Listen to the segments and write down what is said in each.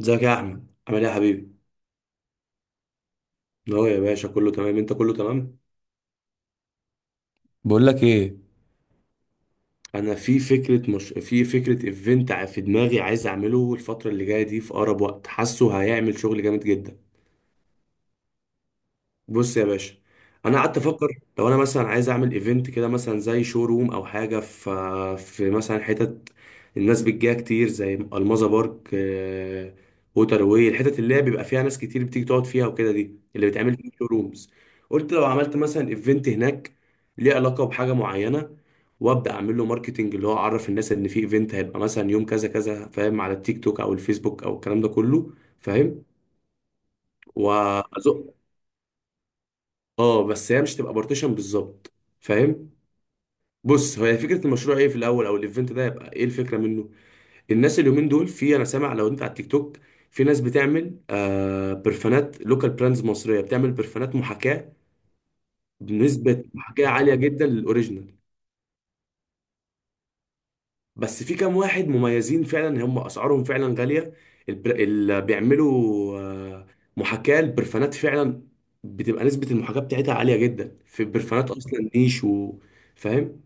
ازيك يا احمد عامل ايه يا حبيبي؟ اهو يا باشا، كله تمام، انت كله تمام؟ بقول لك ايه، انا في فكره، مش في فكره، ايفنت في دماغي عايز اعمله الفتره اللي جايه دي في اقرب وقت، حاسه هيعمل شغل جامد جدا. بص يا باشا، انا قعدت افكر، لو انا مثلا عايز اعمل ايفنت كده مثلا زي شو روم او حاجه في مثلا حتت الناس بتجيها كتير زي المظة بارك، ووتر واي، الحتت اللي هي بيبقى فيها ناس كتير بتيجي تقعد فيها وكده، دي اللي بتعمل فيها شو رومز. قلت لو عملت مثلا ايفنت هناك ليه علاقه بحاجه معينه، وابدا اعمل له ماركتنج، اللي هو اعرف الناس ان في ايفنت هيبقى مثلا يوم كذا كذا، فاهم؟ على التيك توك او الفيسبوك او الكلام ده كله، فاهم؟ وازق. اه بس هي مش تبقى بارتيشن بالظبط، فاهم؟ بص، هي فكره المشروع ايه في الاول، او الايفنت ده يبقى ايه الفكره منه. الناس اليومين دول، في، انا سامع لو انت على التيك توك، في ناس بتعمل برفانات، لوكال براندز مصريه بتعمل برفانات محاكاه، بنسبه محاكاه عاليه جدا للاوريجينال. بس في كام واحد مميزين فعلا، هم اسعارهم فعلا غاليه، اللي بيعملوا محاكاه البرفانات فعلا بتبقى نسبه المحاكاه بتاعتها عاليه جدا في برفانات اصلا نيش فاهم؟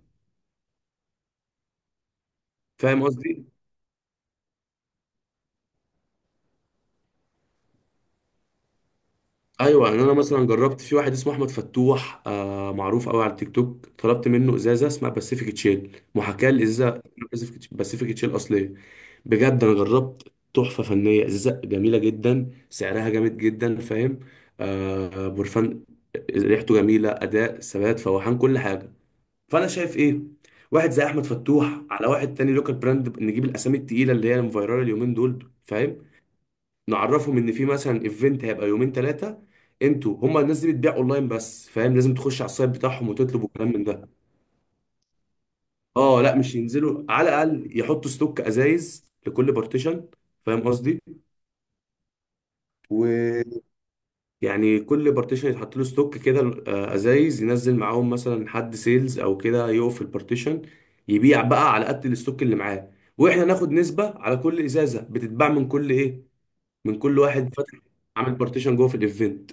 فاهم قصدي؟ ايوه يعني انا مثلا جربت في واحد اسمه احمد فتوح، معروف قوي على التيك توك، طلبت منه ازازه اسمها باسيفيك تشيل، محاكاه لازازه باسيفيك تشيل اصليه. بجد انا جربت تحفه فنيه، ازازه جميله جدا، سعرها جامد جدا، فاهم؟ برفان ريحته جميله، اداء، ثبات، فواحان، كل حاجه. فانا شايف ايه، واحد زي احمد فتوح، على واحد تاني لوكال براند، نجيب الاسامي التقيله اللي هي المفيرال اليومين دول، فاهم؟ نعرفهم ان في مثلا ايفنت هيبقى يومين ثلاثه، انتوا هما الناس دي بتبيع اونلاين بس، فاهم؟ لازم تخش على السايت بتاعهم وتطلب وكلام من ده. اه لا مش ينزلوا، على الاقل يحطوا ستوك ازايز لكل بارتيشن، فاهم قصدي؟ ويعني كل بارتيشن يتحط له ستوك كده، ازايز، ينزل معاهم مثلا حد سيلز او كده يقف في البارتيشن يبيع بقى على قد الستوك اللي معاه، واحنا ناخد نسبه على كل ازازه بتتباع من كل ايه. من كل واحد فاتح عامل بارتيشن جوه في الايفنت.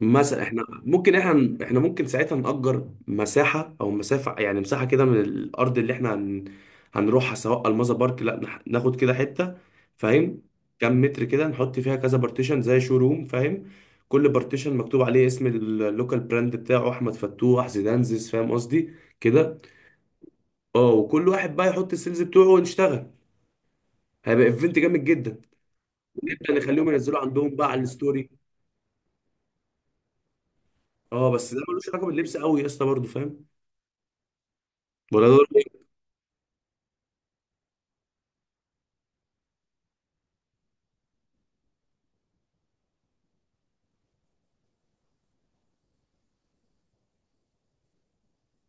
مثلا احنا ممكن احنا، احنا ممكن ساعتها نأجر مساحة او مسافة، يعني مساحة كده من الارض اللي احنا هنروحها، سواء الماظة بارك، لا نح- ناخد كده حتة، فاهم؟ كام متر كده، نحط فيها كذا بارتيشن زي شو روم، فاهم؟ كل بارتيشن مكتوب عليه اسم اللوكال براند بتاعه، احمد فتوح، زيدانزيز، فاهم قصدي؟ كده. اه، وكل واحد بقى يحط السيلز بتوعه ونشتغل، هيبقى ايفنت جامد جدا. جدا، نخليهم ينزلوا عندهم بقى على الستوري. اه بس ده ملوش علاقة باللبس قوي يا اسطى برضه، فاهم؟ ولا ده.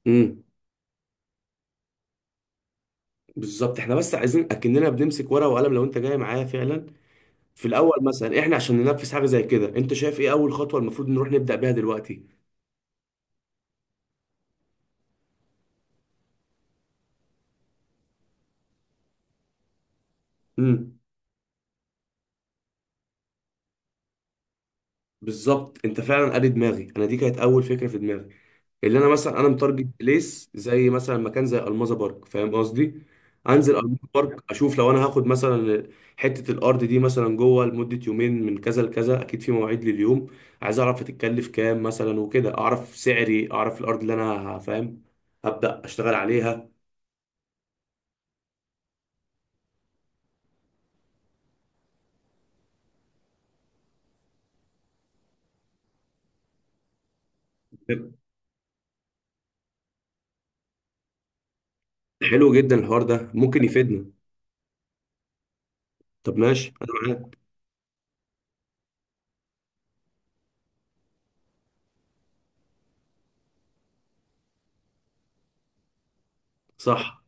امم، بالظبط، احنا بس عايزين اكننا بنمسك ورقه وقلم لو انت جاي معايا فعلا. في الاول مثلا، احنا عشان ننفذ حاجه زي كده، انت شايف ايه اول خطوه المفروض نروح نبدا بيها دلوقتي؟ امم، بالظبط، انت فعلا قاري دماغي، انا دي كانت اول فكره في دماغي، اللي انا مثلا انا متارجت بليس زي مثلا مكان زي الماظة بارك، فاهم قصدي؟ انزل الماظة بارك اشوف لو انا هاخد مثلا حته الارض دي مثلا جوه لمده يومين من كذا لكذا، اكيد في مواعيد لليوم. عايز اعرف هتتكلف كام مثلا وكده، اعرف سعري، اعرف الارض اللي انا فاهم؟ هبدا اشتغل عليها. حلو جدا، الحوار ده ممكن يفيدنا. طب ماشي، انا معاك. صح،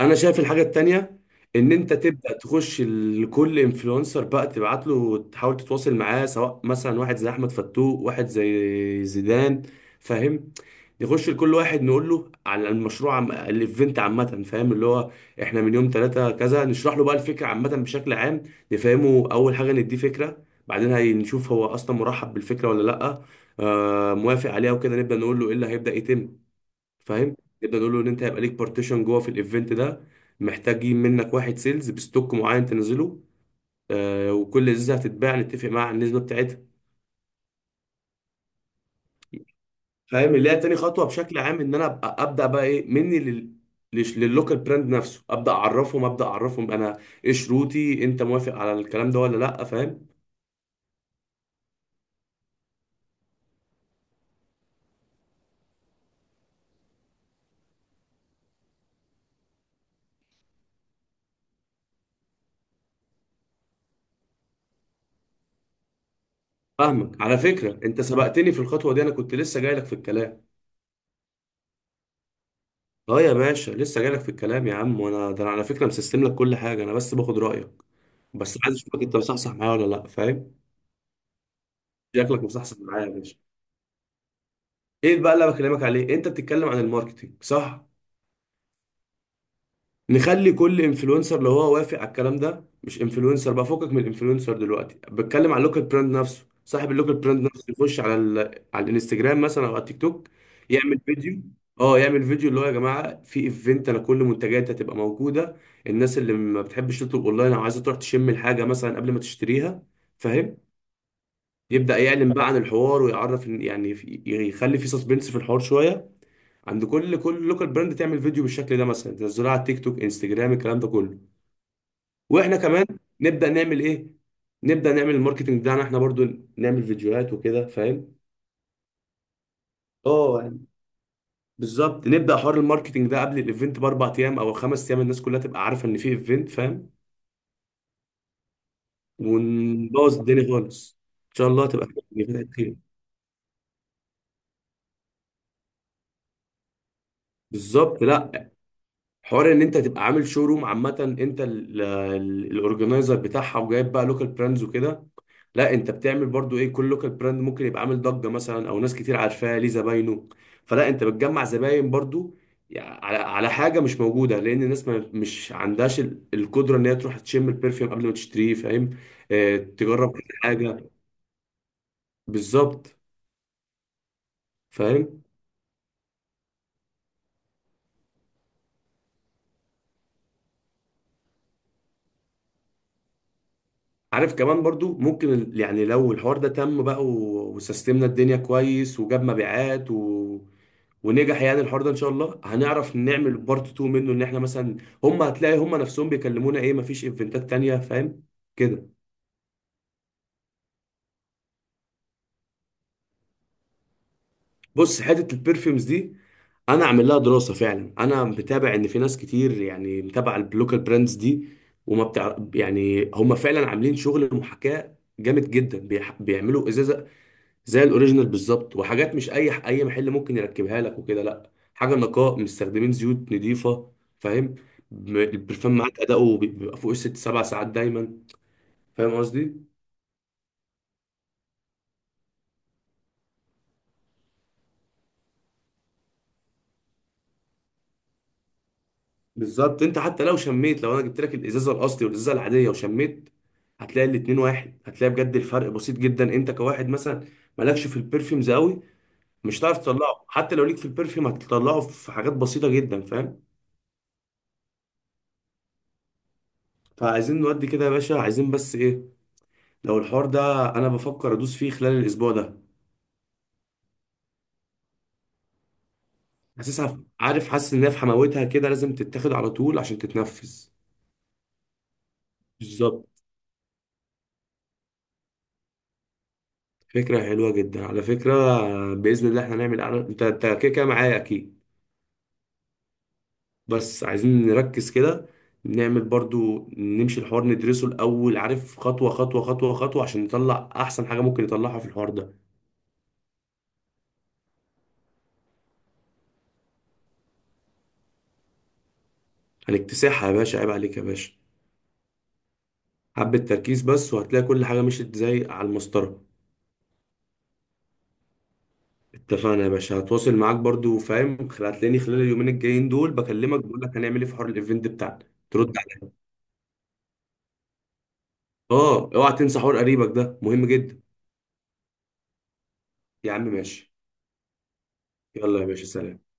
انا شايف الحاجه التانية ان انت تبدا تخش لكل انفلونسر بقى، تبعت له، تحاول تتواصل معاه، سواء مثلا واحد زي احمد فتوح، واحد زي زيدان، فاهم؟ نخش لكل واحد نقول له على المشروع، الايفنت عامه، فاهم؟ اللي هو احنا من يوم ثلاثة كذا نشرح له بقى الفكره عامه بشكل عام، نفهمه اول حاجه، نديه فكره، بعدين هنشوف هو اصلا مرحب بالفكره ولا لا. موافق عليها وكده، نبدا نقول له ايه اللي هيبدا يتم، فاهم؟ نبدا نقول له ان انت هيبقى ليك بارتيشن جوه في الايفنت ده، محتاجين منك واحد سيلز بستوك معين تنزله، وكل ازازه هتتباع نتفق مع النسبه بتاعتها. فاهم اللي هي تاني خطوه بشكل عام، ان انا ابقى ابدا بقى ايه مني لللوكال براند نفسه، ابدا اعرفهم، ابدا اعرفهم انا ايه شروطي، انت موافق على الكلام ده ولا لا، فاهم؟ فاهمك. على فكره انت سبقتني في الخطوه دي، انا كنت لسه جاي لك في الكلام. اه يا باشا، لسه جاي لك في الكلام يا عم، وانا ده انا على فكره مسستم لك كل حاجه، انا بس باخد رايك، بس عايز اشوفك انت مصحصح معايا ولا لا، فاهم؟ شكلك مصحصح معايا يا باشا. ايه بقى اللي أنا بكلمك عليه؟ انت بتتكلم عن الماركتينج، صح. نخلي كل انفلونسر لو هو وافق على الكلام ده، مش انفلونسر بقى فوقك من الانفلونسر، دلوقتي بتكلم على اللوكال براند نفسه، صاحب اللوكال براند نفسه يخش على على الانستجرام مثلا او على التيك توك، يعمل فيديو. اه يعمل فيديو، اللي هو يا جماعه في ايفنت، انا كل منتجاتي هتبقى موجوده، الناس اللي ما بتحبش تطلب اونلاين او عايزه تروح تشم الحاجه مثلا قبل ما تشتريها، فاهم؟ يبدأ يعلن بقى عن الحوار ويعرف يخلي في سسبنس في الحوار شوية. عند كل لوكال براند تعمل فيديو بالشكل ده، مثلا تنزله على التيك توك، انستجرام، الكلام ده كله. واحنا كمان نبدأ نعمل ايه، نبدأ نعمل الماركتنج بتاعنا احنا برضو، نعمل فيديوهات وكده، فاهم؟ اه يعني بالظبط، نبدأ حوار الماركتنج ده قبل الايفنت باربع ايام او خمس ايام، الناس كلها تبقى عارفة ان في ايفنت، فاهم؟ ونبوظ الدنيا خالص، ان شاء الله تبقى فتحة خير. بالظبط. لا، حوار ان انت تبقى عامل شو روم عامه، انت الاورجنايزر بتاعها وجايب بقى لوكال براندز وكده، لا انت بتعمل برضو ايه، كل لوكال براند ممكن يبقى عامل ضجه مثلا او ناس كتير عارفاه، ليه زباينه، فلا انت بتجمع زباين برضو، على حاجه مش موجوده، لان الناس ما مش عندهاش القدره ان هي تروح تشم البرفيوم قبل ما تشتريه، فاهم؟ تجرب كل حاجه. بالظبط، فاهم؟ عارف كمان برضو ممكن يعني لو الحوار ده تم بقى وسيستمنا الدنيا كويس وجاب مبيعات ونجح يعني، الحوار ده ان شاء الله هنعرف نعمل بارت 2 منه، ان احنا مثلا هم هتلاقي هم نفسهم بيكلمونا ايه، مفيش ايفنتات تانية، فاهم؟ كده. بص حتة البرفيومز دي، انا عامل لها دراسة فعلا، انا متابع ان في ناس كتير يعني متابعة البلوكال براندز دي، وما بتاع يعني، هم فعلا عاملين شغل محاكاة جامد جدا، بيعملوا ازازة زي الاوريجينال بالظبط، وحاجات مش اي محل ممكن يركبها لك وكده، لا حاجه نقاء، مستخدمين زيوت نظيفه، فاهم؟ البرفان معاك اداؤه بيبقى فوق الست سبع ساعات دايما، فاهم قصدي؟ بالظبط، انت حتى لو شميت، لو انا جبت لك الازازه الاصلي والازازه العاديه وشميت، هتلاقي الاتنين واحد، هتلاقي بجد الفرق بسيط جدا، انت كواحد مثلا مالكش في البرفيومز قوي، مش هتعرف تطلعه، حتى لو ليك في البرفيوم هتطلعه في حاجات بسيطه جدا، فاهم؟ فعايزين نودي كده يا باشا، عايزين بس ايه، لو الحوار ده، انا بفكر ادوس فيه خلال الاسبوع ده، حاسسها، عارف، حاسس ان هي في حماوتها كده لازم تتاخد على طول عشان تتنفذ. بالظبط، فكرة حلوة جدا على فكرة. بإذن الله احنا هنعمل أعلان، انت كده كده معايا اكيد. بس عايزين نركز كده، نعمل برضو، نمشي الحوار، ندرسه الأول عارف، خطوة خطوة خطوة خطوة، عشان نطلع أحسن حاجة ممكن نطلعها في الحوار ده. هنكتسحها يا باشا، عيب عليك يا باشا، حبة تركيز بس وهتلاقي كل حاجة مشيت زي على المسطرة. اتفقنا يا باشا، هتواصل معاك برضو، فاهم، هتلاقيني خلال اليومين الجايين دول بكلمك بقول لك هنعمل ايه في حوار الايفنت بتاعنا. ترد عليا. اه، اوعى تنسى حوار قريبك ده مهم جدا. يا عم ماشي. يلا يا باشا، سلام.